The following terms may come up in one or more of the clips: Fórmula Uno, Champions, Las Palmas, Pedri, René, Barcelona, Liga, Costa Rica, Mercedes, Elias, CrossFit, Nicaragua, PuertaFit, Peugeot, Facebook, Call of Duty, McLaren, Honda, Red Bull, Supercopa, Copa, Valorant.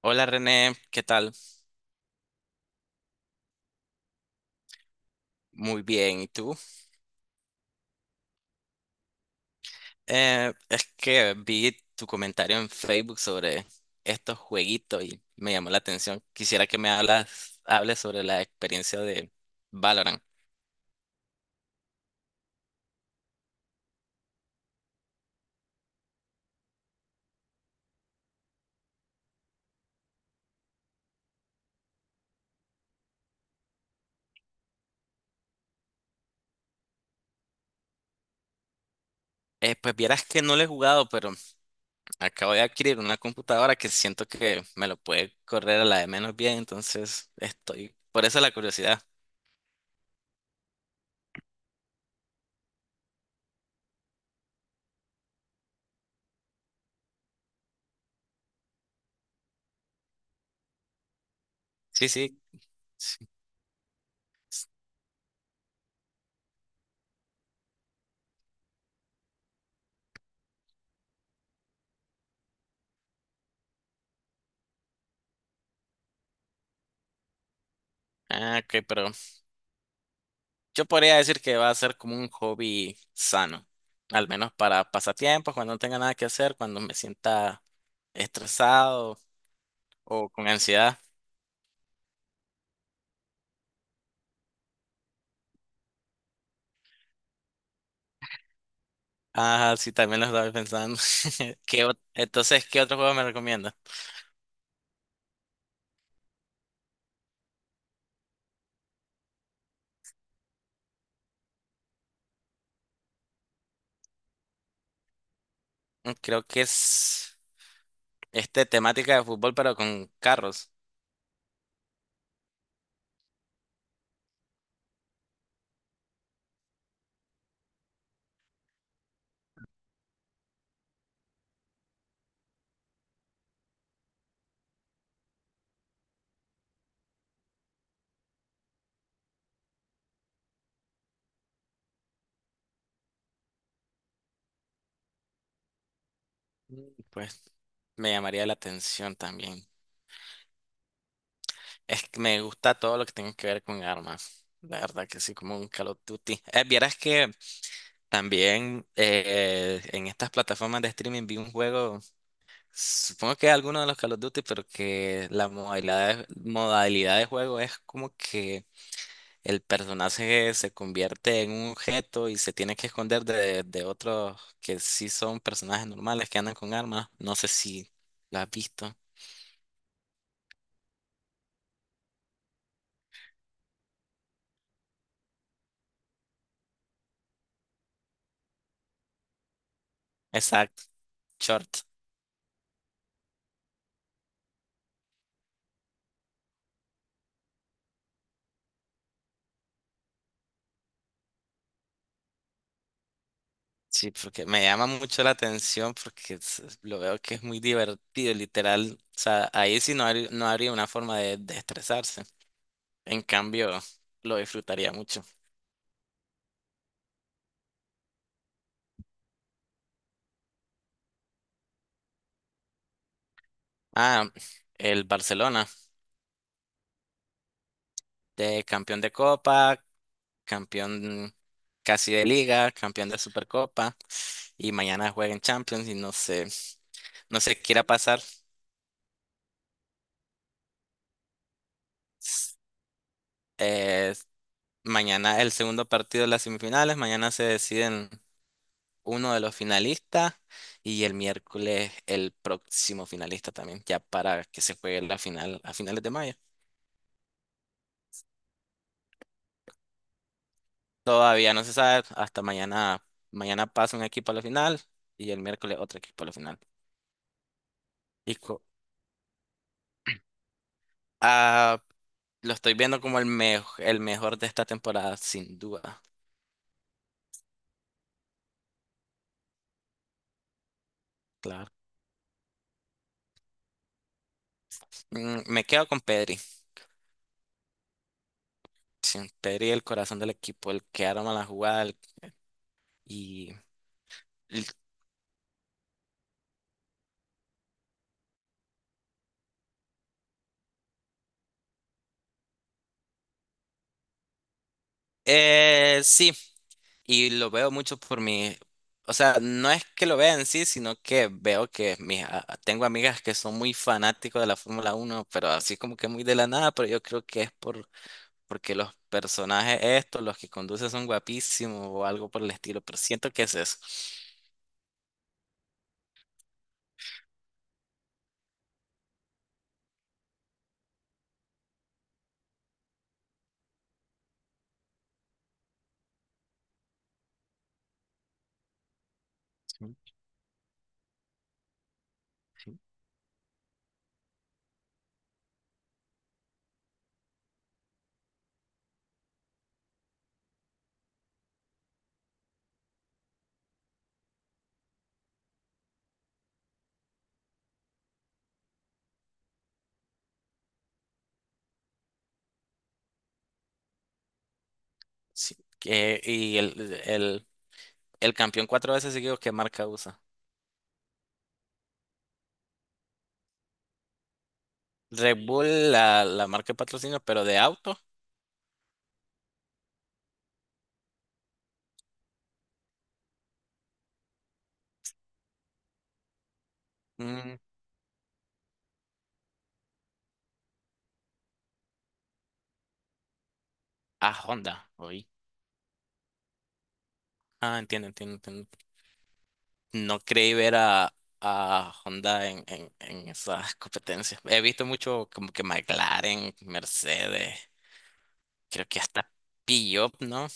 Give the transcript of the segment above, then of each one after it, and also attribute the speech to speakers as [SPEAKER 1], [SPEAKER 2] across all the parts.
[SPEAKER 1] Hola René, ¿qué tal? Muy bien, ¿y tú? Es que vi tu comentario en Facebook sobre estos jueguitos y me llamó la atención. Quisiera que hables sobre la experiencia de Valorant. Pues vieras que no lo he jugado, pero acabo de adquirir una computadora que siento que me lo puede correr a la de menos bien, entonces estoy... Por eso la curiosidad. Sí, sí, sí. Ah, ok, pero yo podría decir que va a ser como un hobby sano, al menos para pasatiempos, cuando no tenga nada que hacer, cuando me sienta estresado o con ansiedad. Ah, sí, también lo estaba pensando. Entonces, ¿qué otro juego me recomiendas? Mm, creo que es este temática de fútbol, pero con carros. Mm, pues me llamaría la atención también. Es que me gusta todo lo que tenga que ver con armas. La verdad que sí, como un Call of Duty. Vieras que también, en estas plataformas de streaming vi un juego, supongo que alguno de los Call of Duty, pero que modalidad de juego es como que el personaje se convierte en un objeto y se tiene que esconder de otros que sí son personajes normales que andan con armas. No sé si lo has visto. Exacto, short. Sí, porque me llama mucho la atención porque lo veo que es muy divertido, literal. O sea, ahí sí no, no habría una forma de estresarse. En cambio, lo disfrutaría mucho. Ah, el Barcelona, de campeón de Copa, campeón casi de Liga, campeón de Supercopa, y mañana juega en Champions y no sé, no sé qué irá a pasar. Eh, Mañana el segundo partido de las semifinales, mañana se deciden uno de los finalistas y el miércoles el próximo finalista también, ya para que se juegue la final a finales de mayo. Todavía no se sabe, hasta mañana, mañana pasa un equipo a la final y el miércoles otro equipo a la final. Y co- ah, lo estoy viendo como el mejor de esta temporada, sin duda, claro. Mm, me quedo con Pedri, sin Pedri el corazón del equipo, el que arma la jugada y el- sí, y lo veo mucho o sea, no es que lo vea en sí, sino que veo que tengo amigas que son muy fanáticos de la Fórmula Uno pero así como que muy de la nada, pero yo creo que es porque los personajes estos, los que conducen son guapísimos o algo por el estilo, pero siento que es eso. Sí, sí. Sí, el campeón cuatro veces seguido, ¿qué marca usa? Red Bull, la marca de patrocinio, pero de auto, mm, a Honda, oí. Ah, entiendo, entiendo, entiendo. No creí ver a Honda en esas competencias. He visto mucho como que McLaren, Mercedes, creo que hasta Peugeot, ¿no?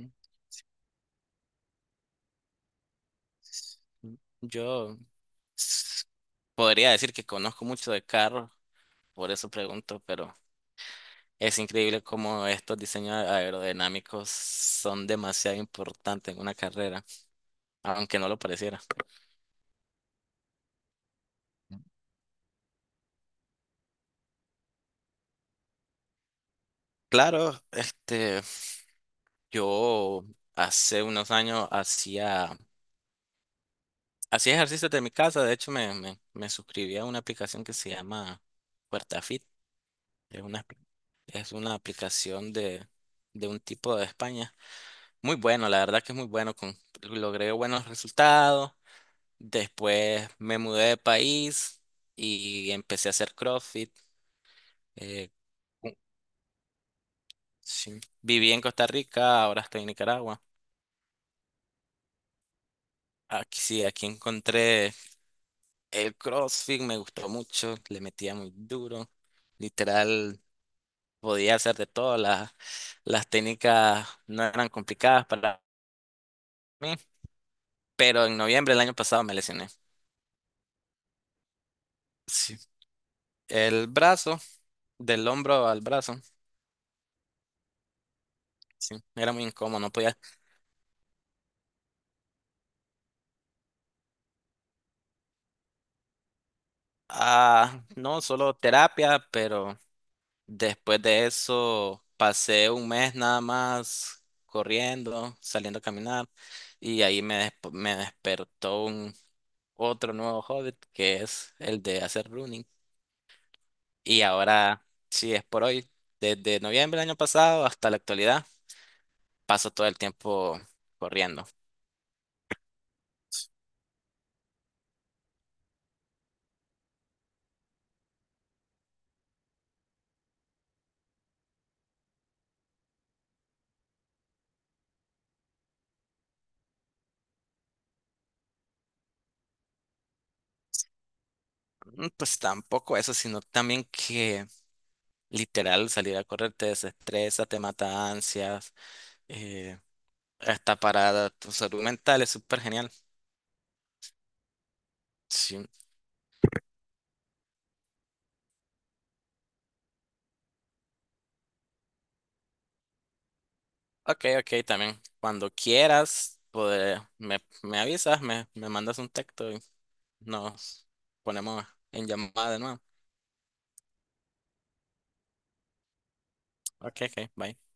[SPEAKER 1] Mm, mm. Yo, s- Podría decir que conozco mucho de carros, por eso pregunto, pero es increíble cómo estos diseños aerodinámicos son demasiado importantes en una carrera, aunque no lo pareciera. Claro, este, yo hace unos años hacía ejercicio de mi casa, de hecho me suscribí a una aplicación que se llama PuertaFit, es una, es una aplicación de un tipo de España. Muy bueno, la verdad que es muy bueno, con, logré buenos resultados. Después me mudé de país y empecé a hacer CrossFit. eh, cu- sí. Viví en Costa Rica, ahora estoy en Nicaragua. Aquí sí, aquí encontré el CrossFit, me gustó mucho, le metía muy duro. Literal, podía hacer de todo, las técnicas no eran complicadas para mí, pero en noviembre del año pasado me lesioné. Sí. El brazo, del hombro al brazo, sí, era muy incómodo, no podía. Ah, no, solo terapia, pero después de eso pasé un mes nada más corriendo, saliendo a caminar y ahí me despertó un otro nuevo hobby que es el de hacer running. Y ahora, sí, es por hoy, desde noviembre del año pasado hasta la actualidad, paso todo el tiempo corriendo. Mm, pues tampoco eso, sino también que literal salir a correr te desestresa, te mata ansias. eh, Está para tu salud mental, es súper genial. Sí. Ok, ok, también. Cuando quieras, me me avisas, me mandas un texto y nos ponemos en llamada de nuevo. Ok, ok, bye.